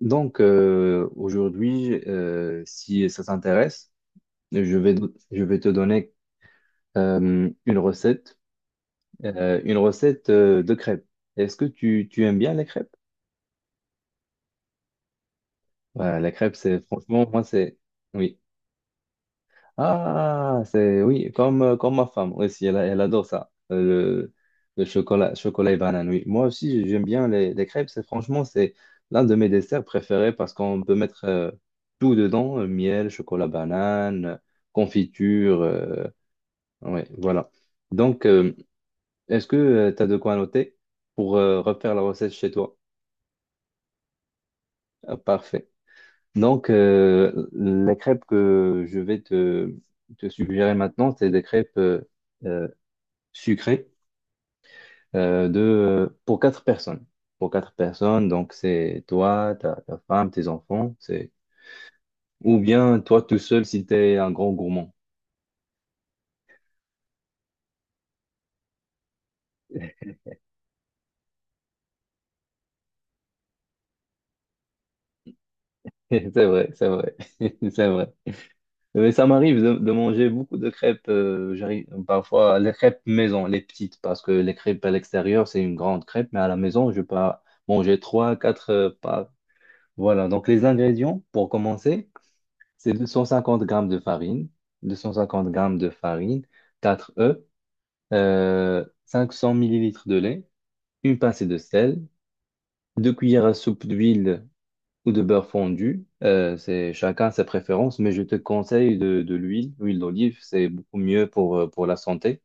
Aujourd'hui, si ça t'intéresse, je vais, je vais te donner une recette, une recette de crêpes. Est-ce que tu aimes bien les crêpes? Voilà, la crêpe, c'est franchement, moi, c'est... Oui. Ah, c'est oui, comme ma femme aussi, elle adore ça, le chocolat, chocolat et banane. Oui, moi aussi, j'aime bien les crêpes. C'est franchement, c'est l'un de mes desserts préférés parce qu'on peut mettre tout dedans, miel, chocolat, banane, confiture, ouais, voilà. Donc, euh, Est-ce que tu as de quoi noter pour refaire la recette chez toi? Ah, parfait. Les crêpes que je vais te suggérer maintenant, c'est des crêpes sucré pour quatre personnes. Pour quatre personnes, donc c'est toi, ta femme, tes enfants, c'est ou bien toi tout seul si t'es un grand gourmand. C'est vrai, c'est vrai. Mais ça m'arrive de manger beaucoup de crêpes, j'arrive parfois les crêpes maison, les petites, parce que les crêpes à l'extérieur, c'est une grande crêpe, mais à la maison, je peux pas manger trois, quatre pas. Voilà, donc les ingrédients, pour commencer, c'est 250 grammes de farine, 250 grammes de farine, 4 œufs, 500 millilitres de lait, une pincée de sel, deux cuillères à soupe d'huile ou de beurre fondu. C'est chacun ses préférences, mais je te conseille de l'huile, l'huile d'olive, c'est beaucoup mieux pour la santé.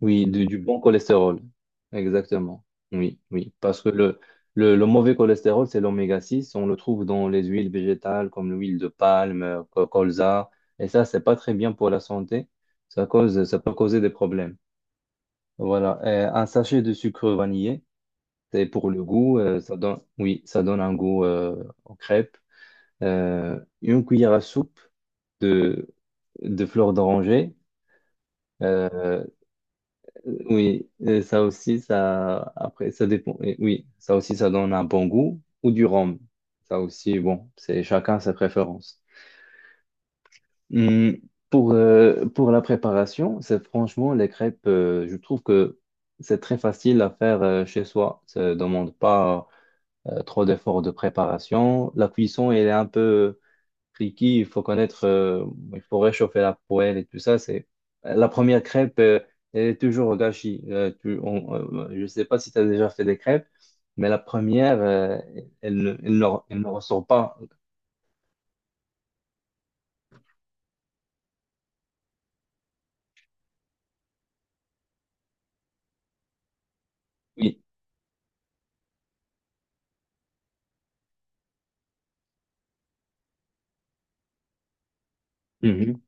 Oui, du bon cholestérol. Exactement. Oui, oui. Parce que le mauvais cholestérol, c'est l'oméga 6. On le trouve dans les huiles végétales comme l'huile de palme, colza. Et ça, c'est pas très bien pour la santé. Ça cause, ça peut causer des problèmes. Voilà. Et un sachet de sucre vanillé, c'est pour le goût, ça donne, oui, ça donne un goût aux crêpes. Une cuillère à soupe de, de fleurs d'oranger. Euh, Oui, et ça aussi, ça, après, ça dépend. Et oui, ça aussi, ça donne un bon goût ou du rhum. Ça aussi, bon, c'est chacun ses préférences. Hum, pour, pour la préparation, c'est franchement les crêpes, je trouve que c'est très facile à faire chez soi. Ça ne demande pas trop d'efforts de préparation. La cuisson, elle est un peu cliquis, il faut connaître, il faut réchauffer la poêle et tout ça. C'est la première crêpe, elle est toujours au gâchis. Je ne sais pas si tu as déjà fait des crêpes, mais la première, elle ne ressort pas. Oui, mhm.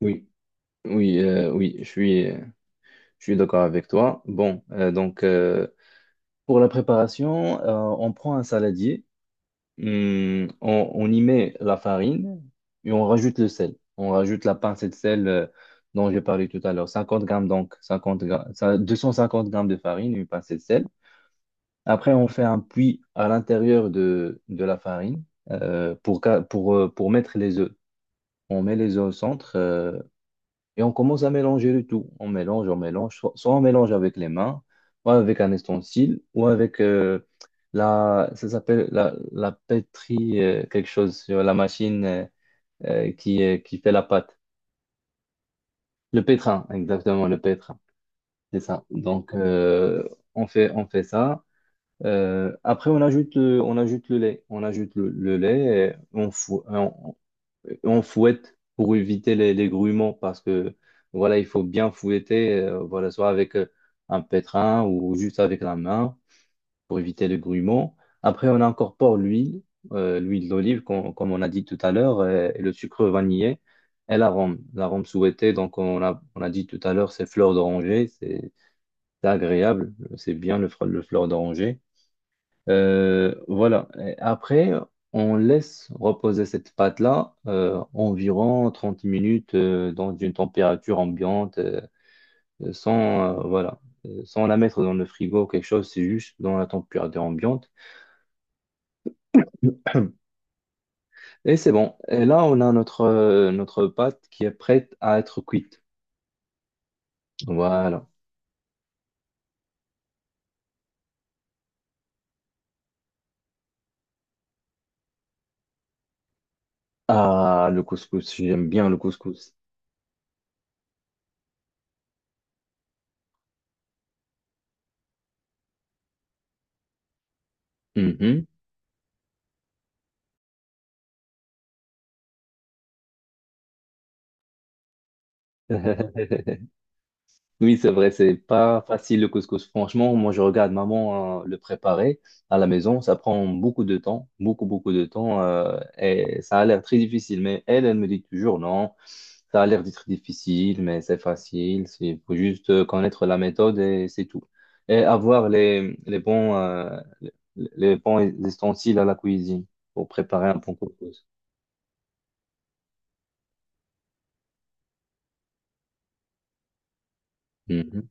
Oui, oui, euh, oui, je suis, euh, je suis d'accord avec toi. Pour la préparation, on prend un saladier. On y met la farine et on rajoute le sel. On rajoute la pincée de sel dont j'ai parlé tout à l'heure. 50 grammes donc, 50 gra- ça- 250 grammes de farine, une pincée de sel. Après, on fait un puits à l'intérieur de la farine pour mettre les œufs. On met les œufs au centre. Et on commence à mélanger le tout. On mélange, on mélange. Soit on mélange avec les mains, ou avec un ustensile, ou avec ça s'appelle la pétrie, quelque chose sur la machine qui fait la pâte. Le pétrin, exactement, le pétrin. C'est ça. On fait ça. Après, on ajoute le lait. On ajoute le lait, et on fouette pour éviter les grumeaux parce que voilà, il faut bien fouetter, voilà, soit avec un pétrin ou juste avec la main pour éviter les grumeaux. Après, on incorpore l'huile, l'huile d'olive, comme on a dit tout à l'heure, et le sucre vanillé et l'arôme. L'arôme souhaité, donc on a dit tout à l'heure, c'est fleur d'oranger, c'est agréable, c'est bien le fleur d'oranger. Voilà. Et après, on laisse reposer cette pâte-là environ 30 minutes dans une température ambiante, sans, euh, voilà, sans la mettre dans le frigo ou quelque chose, c'est juste dans la température ambiante. Et c'est bon. Et là, on a notre pâte qui est prête à être cuite. Voilà. Ah, le couscous, j'aime bien le couscous. Mhm. Oui, c'est vrai, c'est pas facile le couscous. Franchement, moi je regarde maman le préparer à la maison, ça prend beaucoup de temps, beaucoup beaucoup de temps et ça a l'air très difficile. Mais elle, elle me dit toujours non, ça a l'air d'être difficile, mais c'est facile. Il faut juste connaître la méthode et c'est tout. Et avoir les bons ustensiles à la cuisine pour préparer un bon couscous. Mhm,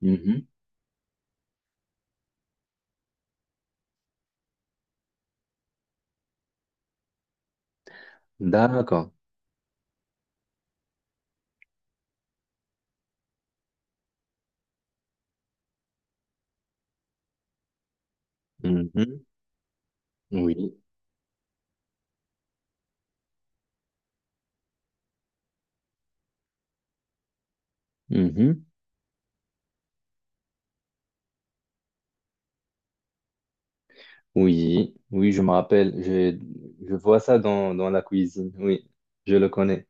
mhm. D'accord. Mhm, oui. Mhm. Oui, oui, je me rappelle. Je vois ça dans la cuisine. Oui, je le connais.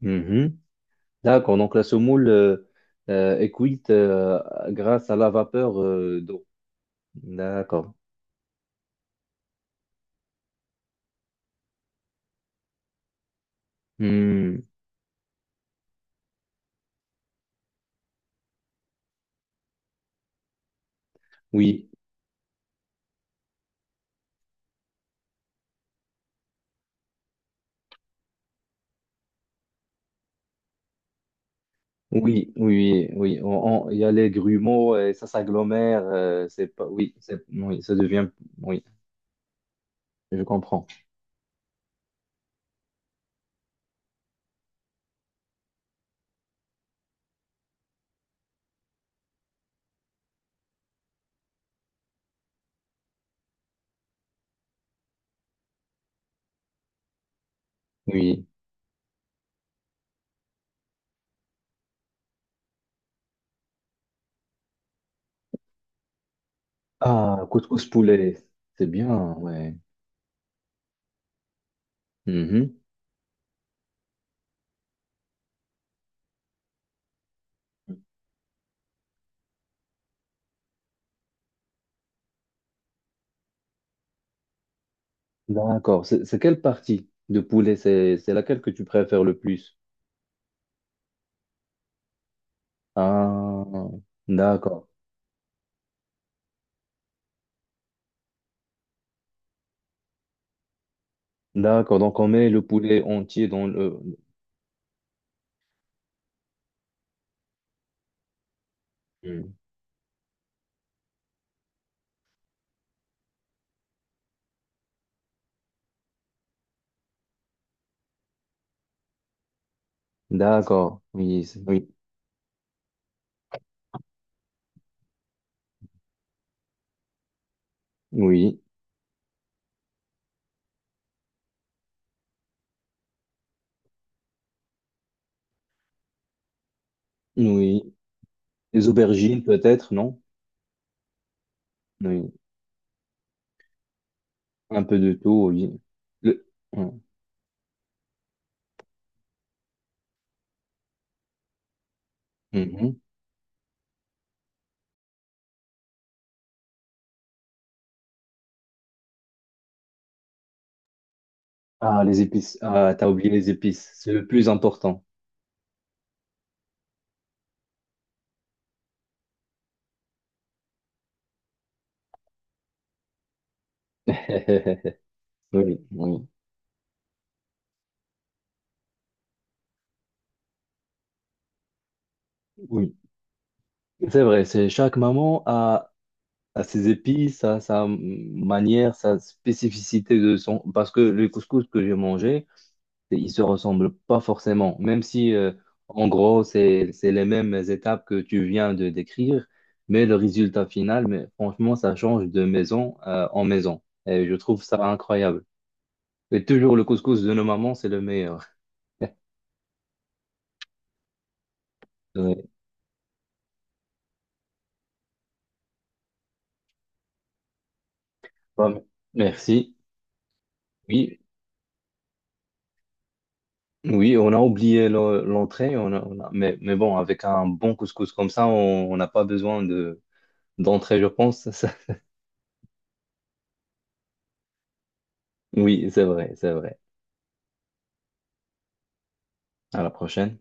Mhm. D'accord. Donc, la semoule est cuite grâce à la vapeur d'eau. D'accord. Hmm. Oui, Il y a les grumeaux et ça s'agglomère. C'est pas, oui, c'est, oui, Ça devient. Oui, je comprends. Oui. Ah, couscous poulet. C'est bien, ouais. Mhm. D'accord. C'est quelle partie de poulet? C'est laquelle que tu préfères le plus? Ah, d'accord. D'accord. Donc, on met le poulet entier dans le... Hmm. D'accord. Oui, oui. Les aubergines, peut-être, non? Oui. Un peu de tout, oui. Le... Hmm. Mhm. Ah, les épices. Ah, t'as oublié les épices. C'est le plus important. Oui, oui, oui. C'est vrai, c'est chaque maman a à ses épices, à sa manière, sa spécificité de son... Parce que le couscous que j'ai mangé, il se ressemble pas forcément. Même si, en gros, c'est les mêmes étapes que tu viens de décrire, mais le résultat final, mais franchement, ça change de maison, en maison. Et je trouve ça incroyable. Et toujours le couscous de nos mamans, c'est le meilleur. Ouais. Bon, merci. Oui. Oui, on a oublié l'entrée, mais bon, avec un bon couscous comme ça, on n'a pas besoin de d'entrée, je pense. Oui, c'est vrai, c'est vrai. À la prochaine.